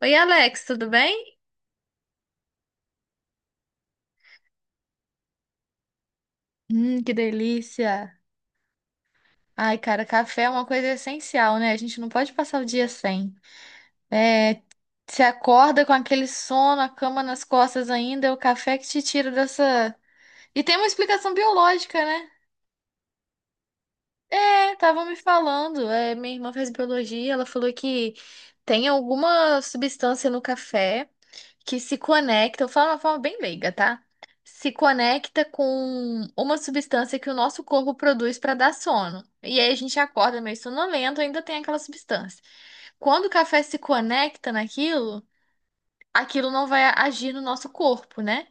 Oi, Alex, tudo bem? Que delícia! Ai, cara, café é uma coisa essencial, né? A gente não pode passar o dia sem. É, se acorda com aquele sono, a cama nas costas ainda, é o café que te tira dessa. E tem uma explicação biológica, né? É, estavam me falando. É, minha irmã fez biologia, ela falou que tem alguma substância no café que se conecta, eu falo de uma forma bem leiga, tá? Se conecta com uma substância que o nosso corpo produz para dar sono. E aí a gente acorda meio sonolento, ainda tem aquela substância. Quando o café se conecta naquilo, aquilo não vai agir no nosso corpo, né?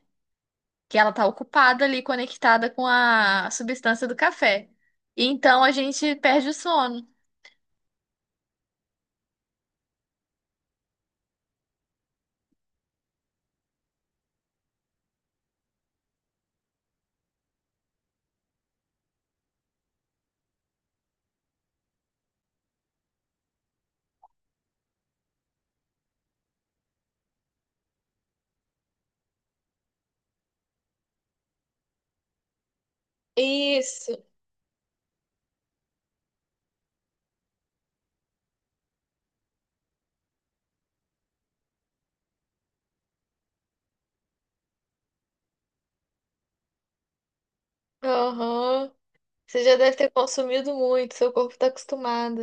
Que ela tá ocupada ali, conectada com a substância do café. E então a gente perde o sono. Isso. Aham. Você já deve ter consumido muito, seu corpo tá acostumado.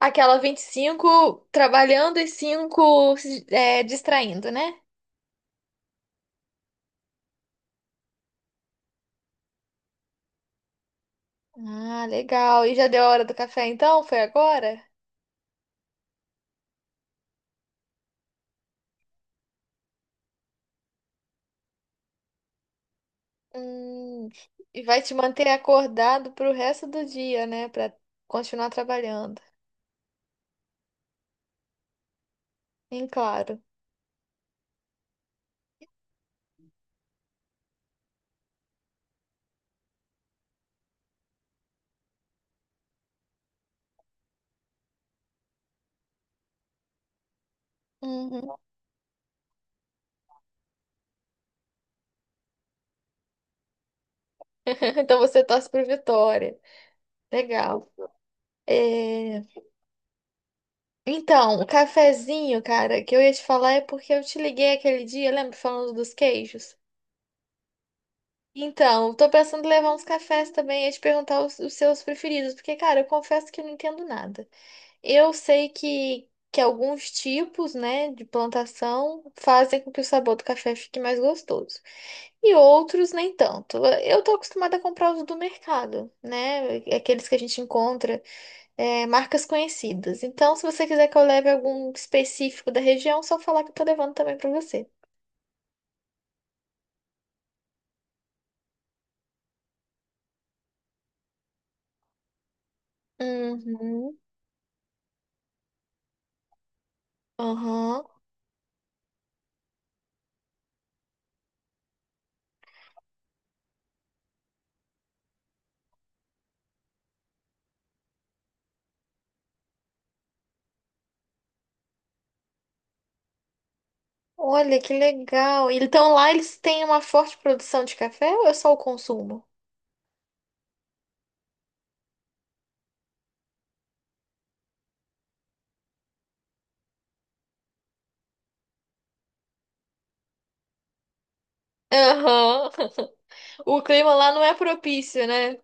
Aquela 25 trabalhando e 5 distraindo, né? Ah, legal. E já deu a hora do café então? Foi agora? Hum. E vai te manter acordado pro resto do dia, né? Pra continuar trabalhando. Sim, claro. Uhum. Então você torce pro Vitória. Legal. É, então, o cafezinho, cara, que eu ia te falar é porque eu te liguei aquele dia, lembra, falando dos queijos? Então, eu tô pensando em levar uns cafés também e te perguntar os seus preferidos, porque, cara, eu confesso que eu não entendo nada. Eu sei que alguns tipos, né, de plantação fazem com que o sabor do café fique mais gostoso. E outros nem tanto. Eu tô acostumada a comprar os do mercado, né? Aqueles que a gente encontra. É, marcas conhecidas. Então, se você quiser que eu leve algum específico da região, é só falar que eu tô levando também pra você. Uhum. Aham. Olha, que legal. Então lá eles têm uma forte produção de café ou é só o consumo? Aham. O clima lá não é propício, né?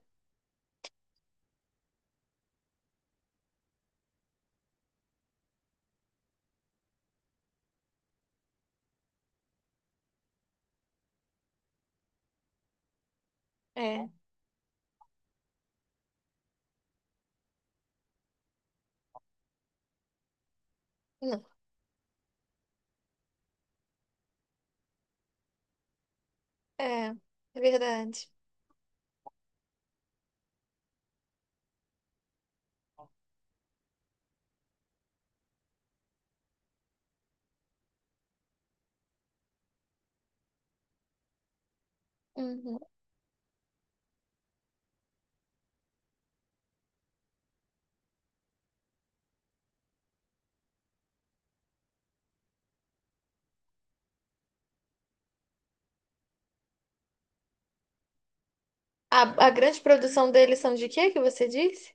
É. Não. É, é verdade. Uhum. A grande produção deles são de quê que você disse?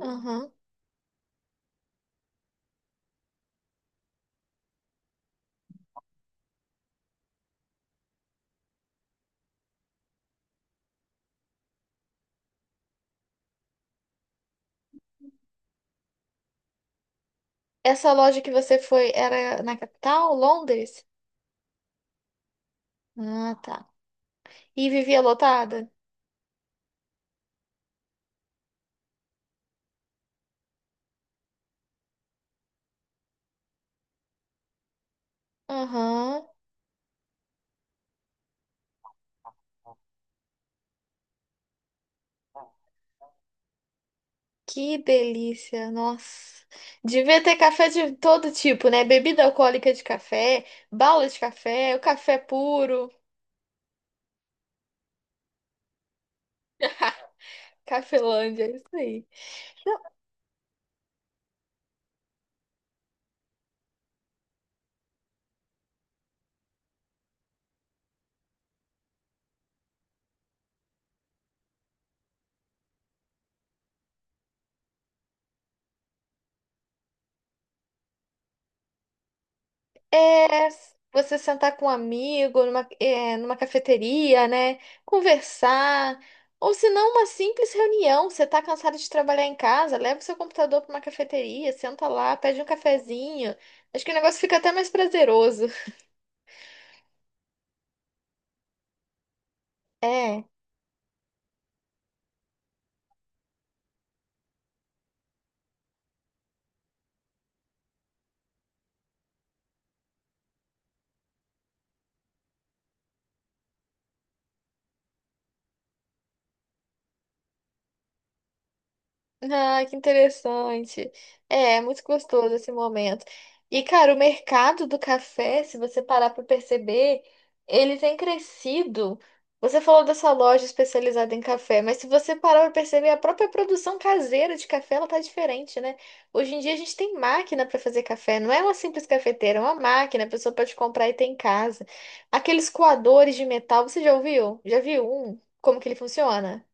Aham. Essa loja que você foi era na capital, Londres? Ah, tá. E vivia lotada? Aham. Que delícia, nossa. Devia ter café de todo tipo, né? Bebida alcoólica de café, bala de café, o café puro, Cafelândia, é isso aí. É, você sentar com um amigo numa, é, numa cafeteria, né? Conversar. Ou se não, uma simples reunião. Você tá cansado de trabalhar em casa, leva o seu computador para uma cafeteria, senta lá, pede um cafezinho. Acho que o negócio fica até mais prazeroso. É. Ah, que interessante. É, é muito gostoso esse momento. E, cara, o mercado do café, se você parar para perceber, ele tem crescido. Você falou dessa loja especializada em café, mas se você parar para perceber, a própria produção caseira de café, ela tá diferente, né? Hoje em dia a gente tem máquina para fazer café, não é uma simples cafeteira, é uma máquina, a pessoa pode comprar e ter em casa. Aqueles coadores de metal, você já ouviu? Já viu um? Como que ele funciona?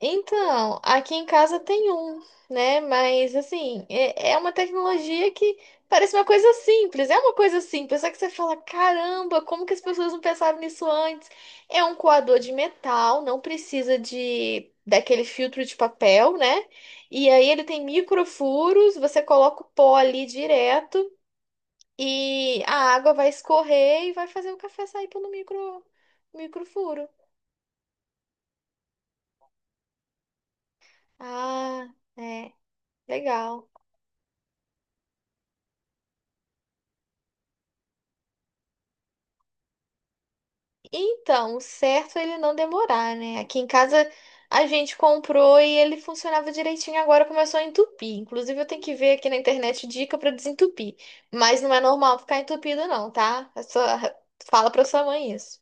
Então, aqui em casa tem um, né? Mas assim, é, é uma tecnologia que parece uma coisa simples, é uma coisa simples, só que você fala, caramba, como que as pessoas não pensaram nisso antes? É um coador de metal, não precisa de daquele filtro de papel, né? E aí ele tem microfuros, você coloca o pó ali direto e a água vai escorrer e vai fazer o café sair pelo microfuro. Ah, é, legal. Então, o certo é ele não demorar, né? Aqui em casa a gente comprou e ele funcionava direitinho, agora começou a entupir. Inclusive, eu tenho que ver aqui na internet dica pra desentupir. Mas não é normal ficar entupido, não, tá? É só- Fala pra sua mãe isso.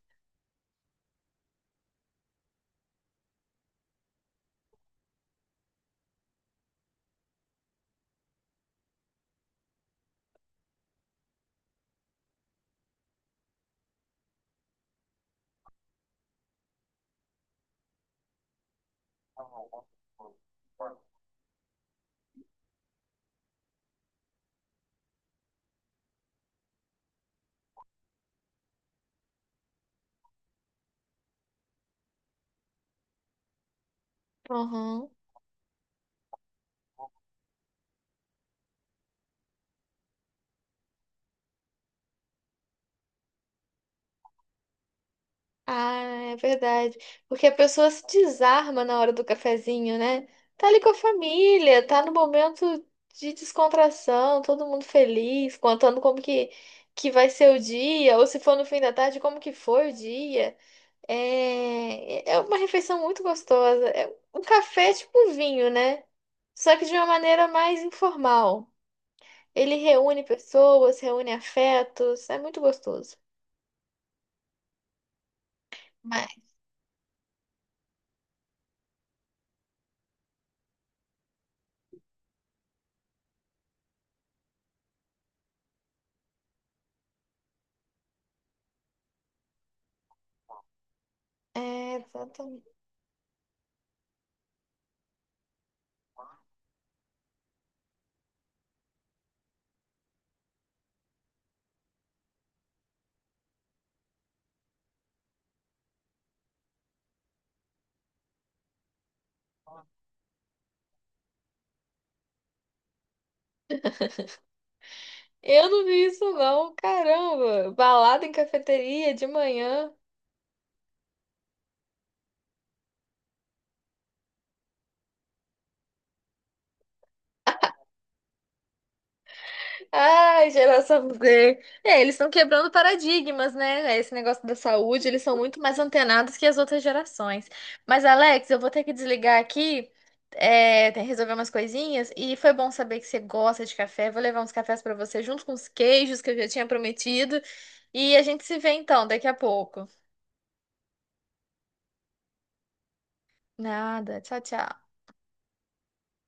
Ah, é verdade. Porque a pessoa se desarma na hora do cafezinho, né? Tá ali com a família, tá no momento de descontração, todo mundo feliz, contando como que vai ser o dia, ou se for no fim da tarde, como que foi o dia. É, é uma refeição muito gostosa. É um café tipo vinho, né? Só que de uma maneira mais informal. Ele reúne pessoas, reúne afetos, é muito gostoso. Mas, é, exatamente. Eu não vi isso, não. Caramba! Balada em cafeteria de manhã. Ai, geração Z. É, eles estão quebrando paradigmas, né? É, esse negócio da saúde, eles são muito mais antenados que as outras gerações. Mas, Alex, eu vou ter que desligar aqui, é, tem que resolver umas coisinhas. E foi bom saber que você gosta de café. Vou levar uns cafés para você, junto com os queijos que eu já tinha prometido. E a gente se vê então daqui a pouco. Nada. Tchau, tchau.